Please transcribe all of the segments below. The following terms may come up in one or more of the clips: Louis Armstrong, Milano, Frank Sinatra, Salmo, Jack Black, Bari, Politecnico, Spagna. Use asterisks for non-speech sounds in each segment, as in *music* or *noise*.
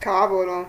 Cavolo,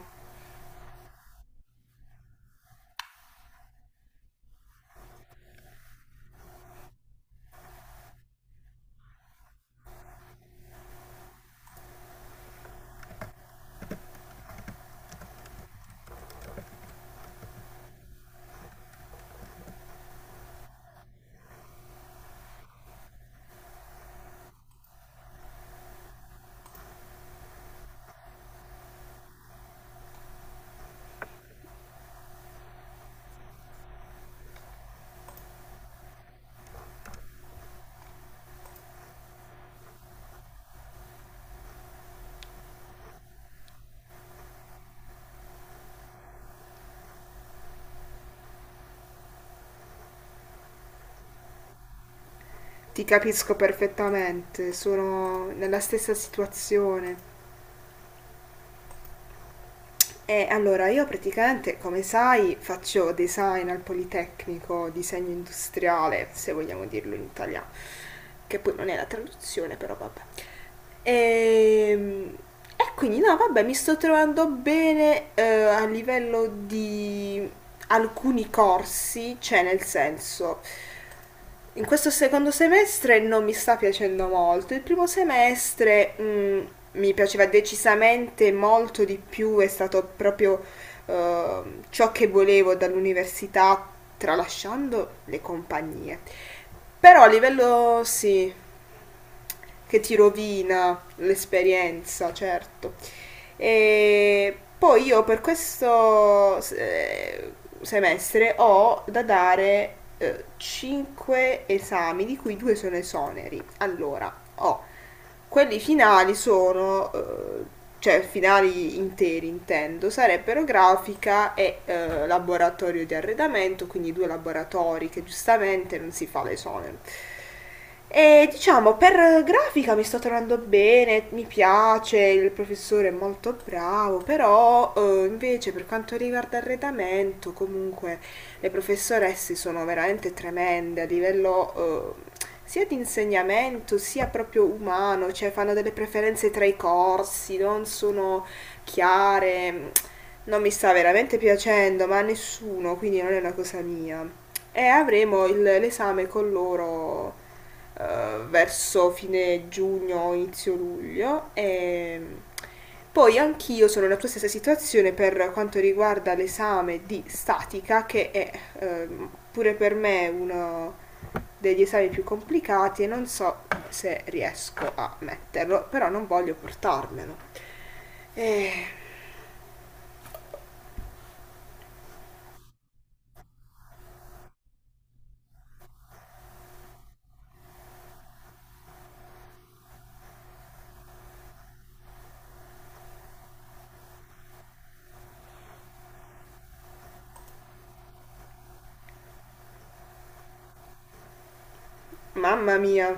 ti capisco perfettamente, sono nella stessa situazione. E allora io praticamente, come sai, faccio design al Politecnico, disegno industriale, se vogliamo dirlo in italiano, che poi non è la traduzione, però vabbè. Ehm, quindi no, vabbè, mi sto trovando bene a livello di alcuni corsi, cioè nel senso, in questo secondo semestre non mi sta piacendo molto. Il primo semestre, mhmm, mi piaceva decisamente molto di più, è stato proprio ciò che volevo dall'università, tralasciando le compagnie. Però a livello sì, che ti rovina l'esperienza, certo. E poi io per questo semestre ho da dare 5 esami, di cui due sono esoneri. Allora, ho quelli finali sono, cioè finali interi intendo, sarebbero grafica e laboratorio di arredamento, quindi due laboratori che giustamente non si fa l'esonero. E diciamo, per grafica mi sto trovando bene, mi piace, il professore è molto bravo, però invece per quanto riguarda arredamento, comunque le professoresse sono veramente tremende a livello sia di insegnamento sia proprio umano, cioè fanno delle preferenze tra i corsi, non sono chiare, non mi sta veramente piacendo, ma a nessuno, quindi non è una cosa mia. E avremo l'esame con loro verso fine giugno, inizio luglio, e poi anch'io sono nella tua stessa situazione per quanto riguarda l'esame di statica che è pure per me uno degli esami più complicati e non so se riesco a metterlo, però non voglio portarmelo. Eh, mamma mia.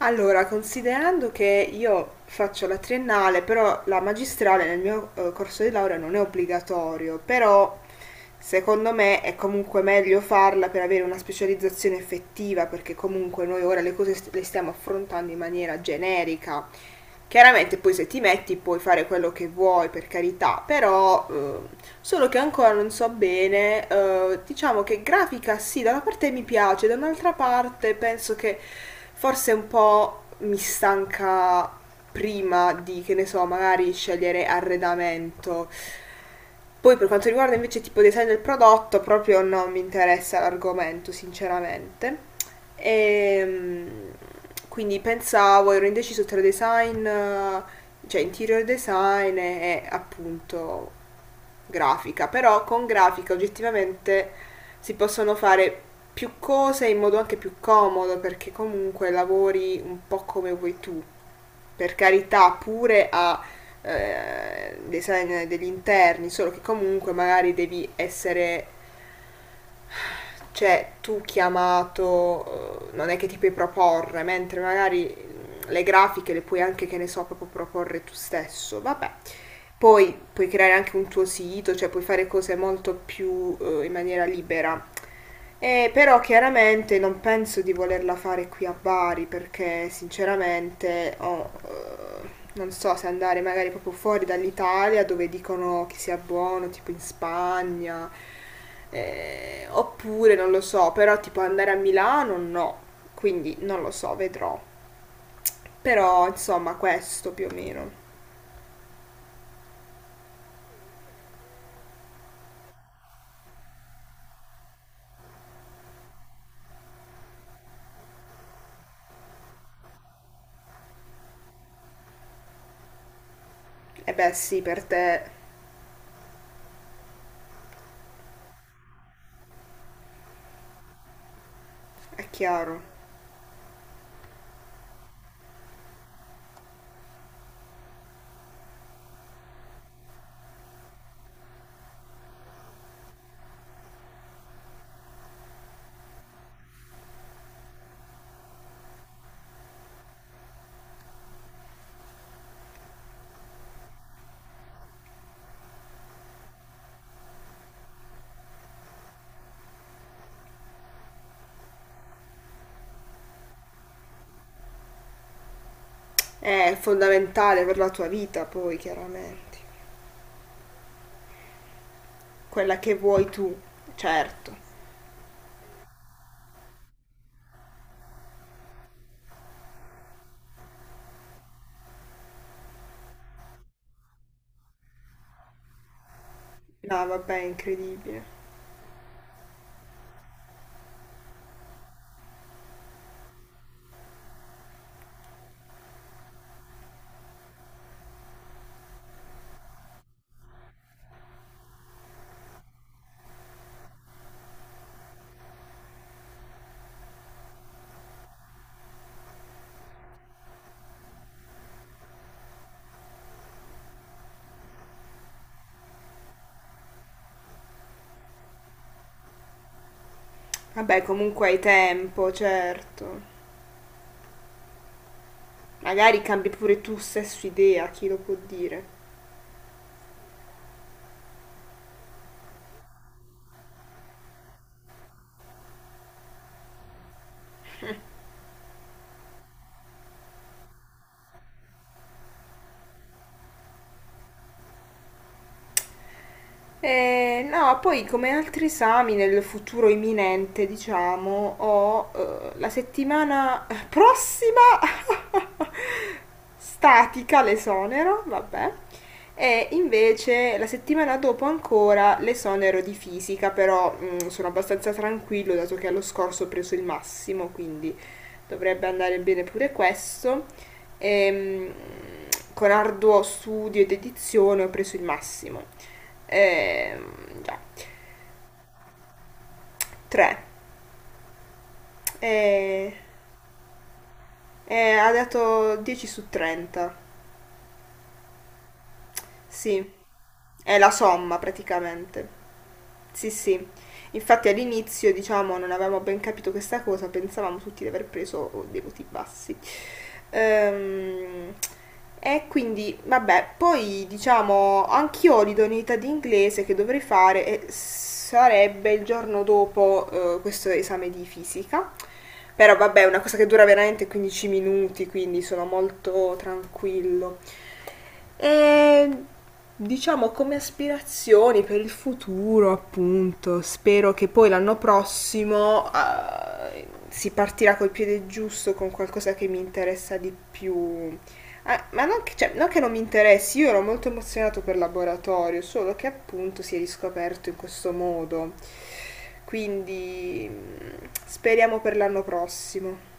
Allora, considerando che io faccio la triennale, però la magistrale nel mio corso di laurea non è obbligatorio, però secondo me è comunque meglio farla per avere una specializzazione effettiva, perché comunque noi ora le cose le stiamo affrontando in maniera generica. Chiaramente poi se ti metti puoi fare quello che vuoi, per carità, però solo che ancora non so bene, diciamo che grafica sì, da una parte mi piace, da un'altra parte penso che forse un po' mi stanca prima di, che ne so, magari scegliere arredamento. Poi per quanto riguarda invece tipo design del prodotto, proprio non mi interessa l'argomento, sinceramente. E, mm, quindi pensavo, ero indeciso tra design, cioè interior design e appunto grafica, però con grafica oggettivamente si possono fare più cose in modo anche più comodo perché comunque lavori un po' come vuoi tu. Per carità, pure a design degli interni, solo che comunque magari devi essere cioè, tu chiamato, non è che ti puoi proporre, mentre magari le grafiche le puoi anche, che ne so, proprio proporre tu stesso. Vabbè. Poi puoi creare anche un tuo sito, cioè puoi fare cose molto più in maniera libera. Però chiaramente non penso di volerla fare qui a Bari perché sinceramente ho, non so se andare magari proprio fuori dall'Italia dove dicono che sia buono, tipo in Spagna, oppure non lo so, però tipo andare a Milano no, quindi non lo so, vedrò. Però insomma questo più o meno. E beh sì, per te è chiaro, è fondamentale per la tua vita poi chiaramente. Quella che vuoi tu, certo. No, vabbè, è incredibile. Vabbè, comunque hai tempo, certo. Magari cambi pure tu stesso idea, chi lo può dire. No, poi come altri esami nel futuro imminente, diciamo, ho la settimana prossima *laughs* statica l'esonero, vabbè, e invece la settimana dopo ancora l'esonero di fisica, però mm, sono abbastanza tranquillo dato che allo scorso ho preso il massimo, quindi dovrebbe andare bene pure questo. Ehm, con arduo studio ed edizione ho preso il massimo. Già, 3. E, e ha dato 10 su 30. Sì, è la somma praticamente. Sì, sì. Infatti all'inizio, diciamo, non avevamo ben capito questa cosa, pensavamo tutti di aver preso dei voti bassi. Ehm, e quindi, vabbè, poi diciamo, anch'io ho l'idoneità di inglese che dovrei fare e sarebbe il giorno dopo questo esame di fisica. Però vabbè, è una cosa che dura veramente 15 minuti, quindi sono molto tranquillo. E diciamo come aspirazioni per il futuro, appunto, spero che poi l'anno prossimo si partirà col piede giusto con qualcosa che mi interessa di più. Ah, ma non che, cioè, non che non mi interessi, io ero molto emozionato per il laboratorio, solo che appunto si è riscoperto in questo modo. Quindi mm, speriamo per l'anno prossimo.